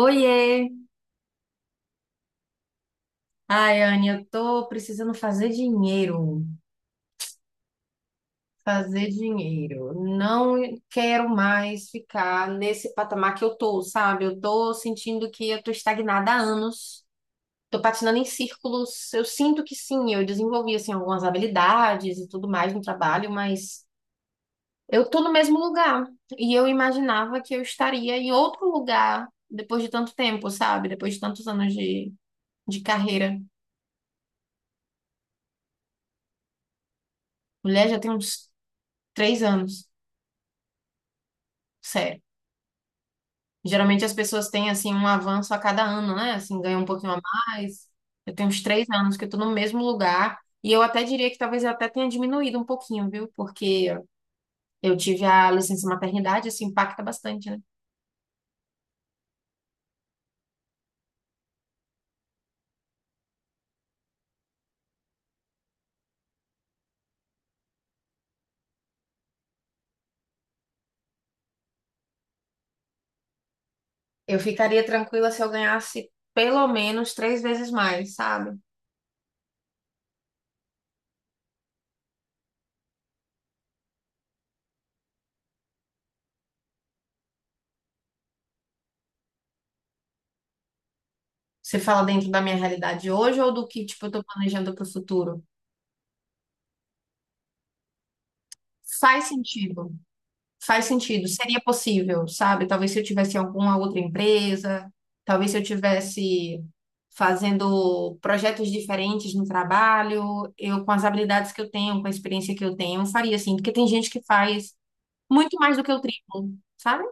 Oiê! Ai, Anne, eu tô precisando fazer dinheiro. Fazer dinheiro. Não quero mais ficar nesse patamar que eu tô, sabe? Eu tô sentindo que eu tô estagnada há anos. Tô patinando em círculos. Eu sinto que sim, eu desenvolvi assim algumas habilidades e tudo mais no trabalho, mas eu tô no mesmo lugar. E eu imaginava que eu estaria em outro lugar depois de tanto tempo, sabe? Depois de tantos anos de carreira. Mulher, já tem uns três anos. Sério. Geralmente as pessoas têm assim um avanço a cada ano, né? Assim, ganham um pouquinho a mais. Eu tenho uns três anos que eu tô no mesmo lugar e eu até diria que talvez eu até tenha diminuído um pouquinho, viu? Porque eu tive a licença maternidade, isso impacta bastante, né? Eu ficaria tranquila se eu ganhasse pelo menos três vezes mais, sabe? Você fala dentro da minha realidade hoje ou do que, tipo, eu tô planejando pro futuro? Faz sentido. Faz sentido, seria possível, sabe? Talvez se eu tivesse em alguma outra empresa, talvez se eu tivesse fazendo projetos diferentes no trabalho, eu com as habilidades que eu tenho, com a experiência que eu tenho, eu faria assim, porque tem gente que faz muito mais do que o triplo, sabe?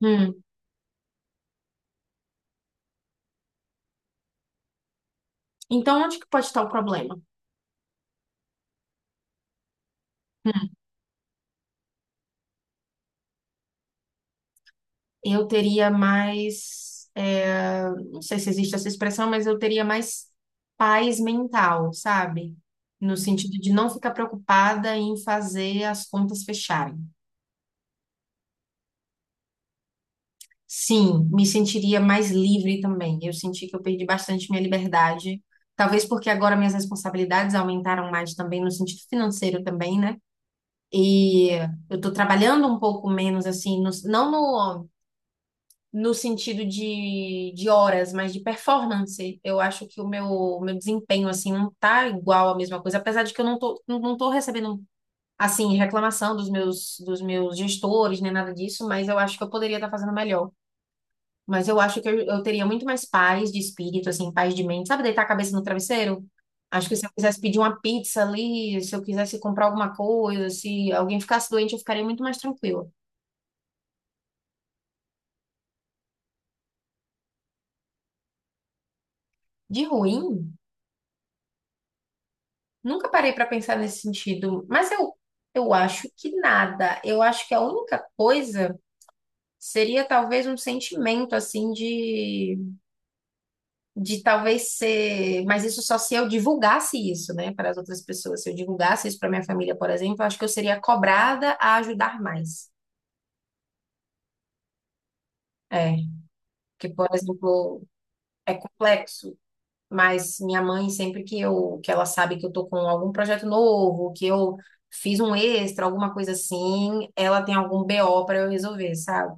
Hum. Então, onde que pode estar o problema? Eu teria mais, não sei se existe essa expressão, mas eu teria mais paz mental, sabe? No sentido de não ficar preocupada em fazer as contas fecharem. Sim, me sentiria mais livre também. Eu senti que eu perdi bastante minha liberdade, talvez porque agora minhas responsabilidades aumentaram mais também no sentido financeiro também, né? E eu tô trabalhando um pouco menos assim, no no sentido de horas, mas de performance. Eu acho que o meu desempenho, assim, não tá igual à mesma coisa, apesar de que eu não tô, não tô recebendo, assim, reclamação dos meus gestores, nem nada disso, mas eu acho que eu poderia estar fazendo melhor. Mas eu acho que eu teria muito mais paz de espírito, assim, paz de mente. Sabe, deitar a cabeça no travesseiro? Acho que se eu quisesse pedir uma pizza ali, se eu quisesse comprar alguma coisa, se alguém ficasse doente, eu ficaria muito mais tranquila. De ruim. Nunca parei para pensar nesse sentido, eu acho que nada. Eu acho que a única coisa seria talvez um sentimento assim de talvez ser, mas isso só se eu divulgasse isso, né, para as outras pessoas. Se eu divulgasse isso para minha família, por exemplo, eu acho que eu seria cobrada a ajudar mais. É, porque, por exemplo, é complexo. Mas minha mãe, sempre que eu, que ela sabe que eu tô com algum projeto novo, que eu fiz um extra, alguma coisa assim, ela tem algum BO para eu resolver, sabe?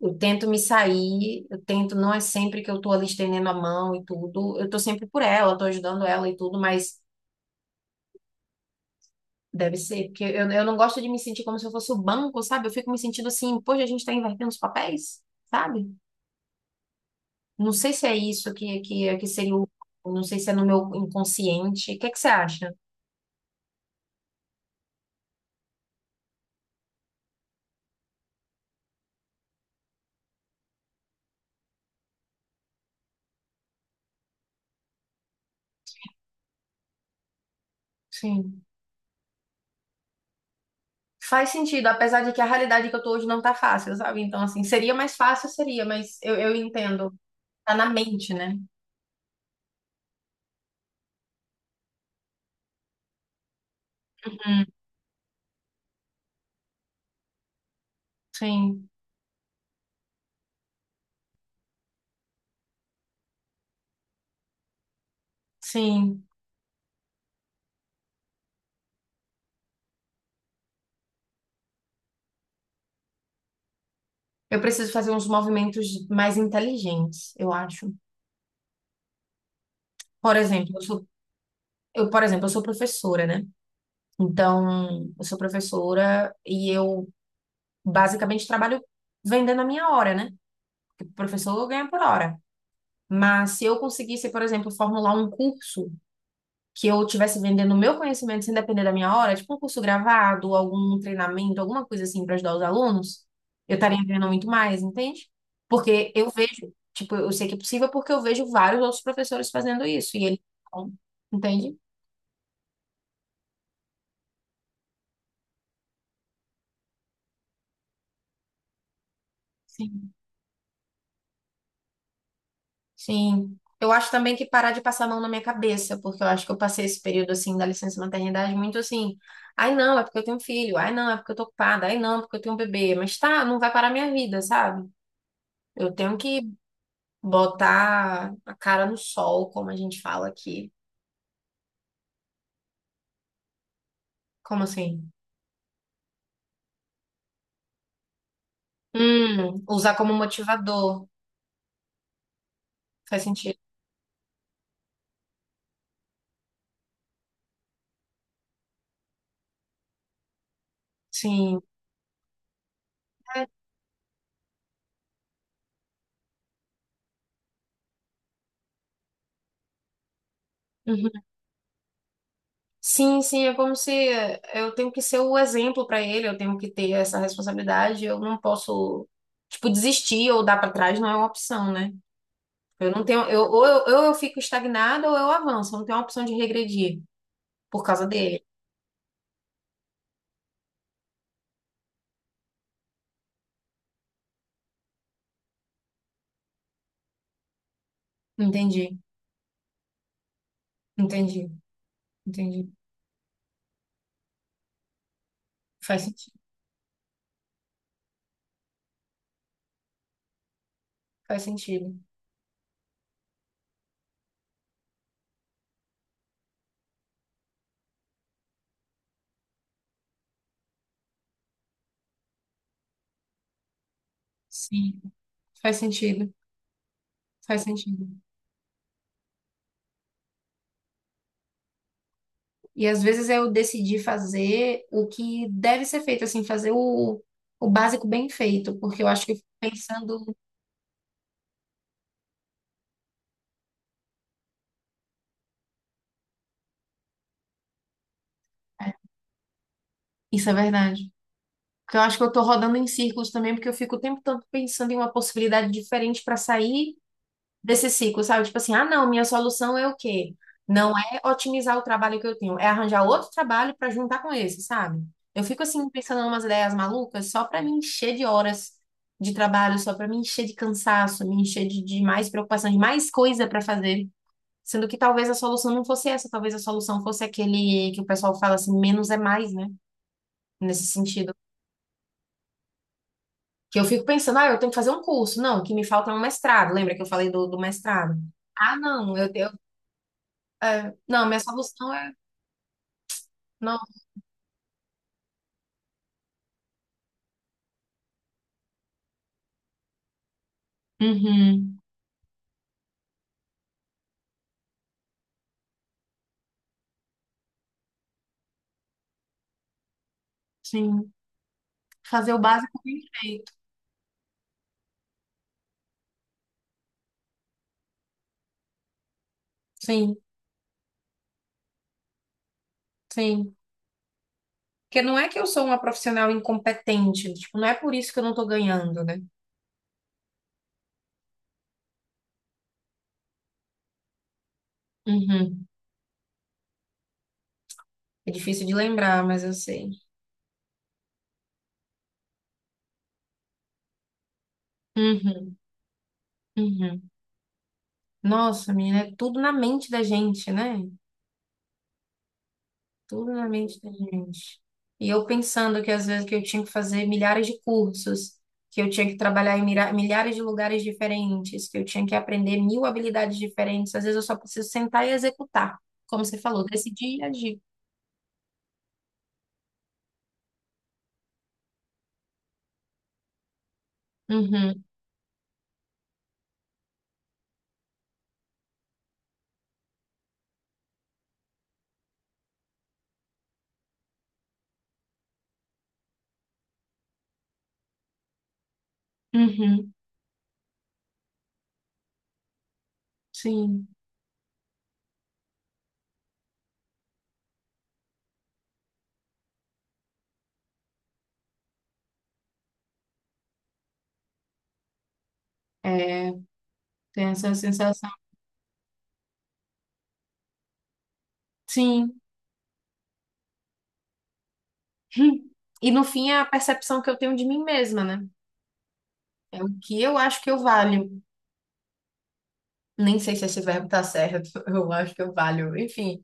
Eu tento me sair, eu tento, não é sempre que eu tô ali estendendo a mão e tudo, eu tô sempre por ela, tô ajudando ela e tudo, mas deve ser, porque eu não gosto de me sentir como se eu fosse o banco, sabe? Eu fico me sentindo assim, poxa, a gente tá invertendo os papéis, sabe? Não sei se é isso que seria o, não sei se é no meu inconsciente. O que é que você acha? Sim. Faz sentido, apesar de que a realidade que eu tô hoje não tá fácil, sabe? Então, assim, seria mais fácil, seria, eu entendo. Tá na mente, né? Hum, sim, sim. Eu preciso fazer uns movimentos mais inteligentes, eu acho. Por exemplo, eu sou, eu, por exemplo, eu sou professora, né? Então, eu sou professora e eu basicamente trabalho vendendo a minha hora, né? Porque professor ganha por hora. Mas se eu conseguisse, por exemplo, formular um curso que eu estivesse vendendo o meu conhecimento sem depender da minha hora, tipo um curso gravado, algum treinamento, alguma coisa assim para ajudar os alunos, eu estaria vendo muito mais, entende? Porque eu vejo, tipo, eu sei que é possível porque eu vejo vários outros professores fazendo isso e eles, não, entende? Sim. Sim. Eu acho também que parar de passar a mão na minha cabeça, porque eu acho que eu passei esse período assim da licença maternidade muito assim. Ai, não, é porque eu tenho filho. Ai, não, é porque eu tô ocupada. Ai, não, é porque eu tenho um bebê. Mas tá, não vai parar a minha vida, sabe? Eu tenho que botar a cara no sol, como a gente fala aqui. Como assim? Usar como motivador. Faz sentido. Sim. É. Uhum. Sim, sim, é como se eu tenho que ser o exemplo para ele, eu tenho que ter essa responsabilidade, eu não posso, tipo, desistir ou dar para trás, não é uma opção, né? Eu não tenho, eu, ou eu fico estagnada ou eu avanço, eu não tenho a opção de regredir por causa dele. Entendi, entendi, entendi. Faz sentido, faz sentido. Sim, faz sentido. Faz sentido. E às vezes eu decidi fazer o que deve ser feito, assim, fazer o básico bem feito, porque eu acho que eu fico pensando. É, isso é verdade. Porque eu acho que eu tô rodando em círculos também, porque eu fico o tempo todo pensando em uma possibilidade diferente para sair desse ciclo, sabe? Tipo assim, ah, não, minha solução é o quê? Não é otimizar o trabalho que eu tenho, é arranjar outro trabalho para juntar com esse, sabe? Eu fico assim pensando em umas ideias malucas só para me encher de horas de trabalho, só para me encher de cansaço, me encher de mais preocupação, de mais coisa para fazer, sendo que talvez a solução não fosse essa, talvez a solução fosse aquele que o pessoal fala assim, menos é mais, né? Nesse sentido. Que eu fico pensando, ah, eu tenho que fazer um curso. Não, o que me falta é um mestrado. Lembra que eu falei do mestrado? Ah, não, eu não, minha solução é. Não. Uhum. Sim. Fazer o básico bem feito. Sim, sim. Porque não é que eu sou uma profissional incompetente. Tipo, não é por isso que eu não tô ganhando, né? Uhum. É difícil de lembrar, mas eu sei. Uhum. Uhum. Nossa, menina, é tudo na mente da gente, né? Tudo na mente da gente. E eu pensando que às vezes que eu tinha que fazer milhares de cursos, que eu tinha que trabalhar em milhares de lugares diferentes, que eu tinha que aprender mil habilidades diferentes. Às vezes eu só preciso sentar e executar, como você falou, decidir e agir. Uhum, uhum, sim. É, tem essa sensação. Sim. E no fim é a percepção que eu tenho de mim mesma, né? É o que eu acho que eu valho. Nem sei se esse verbo tá certo, eu acho que eu valho. Enfim.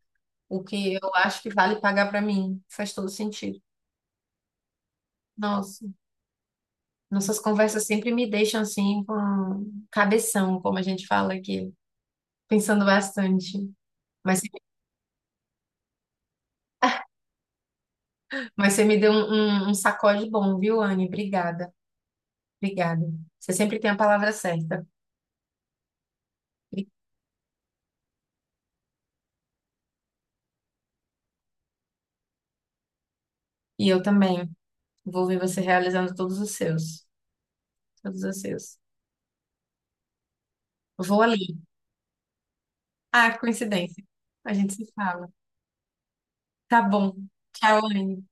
O que eu acho que vale pagar pra mim. Faz todo sentido. Nossa, nossas conversas sempre me deixam assim com cabeção, como a gente fala aqui, pensando bastante. Mas, mas você me deu um sacode bom, viu, Anne? Obrigada, obrigada. Você sempre tem a palavra certa. E e eu também vou ver você realizando todos os seus, todos os seus. Vou ali. Ah, que coincidência. A gente se fala. Tá bom. Tchau, Anne.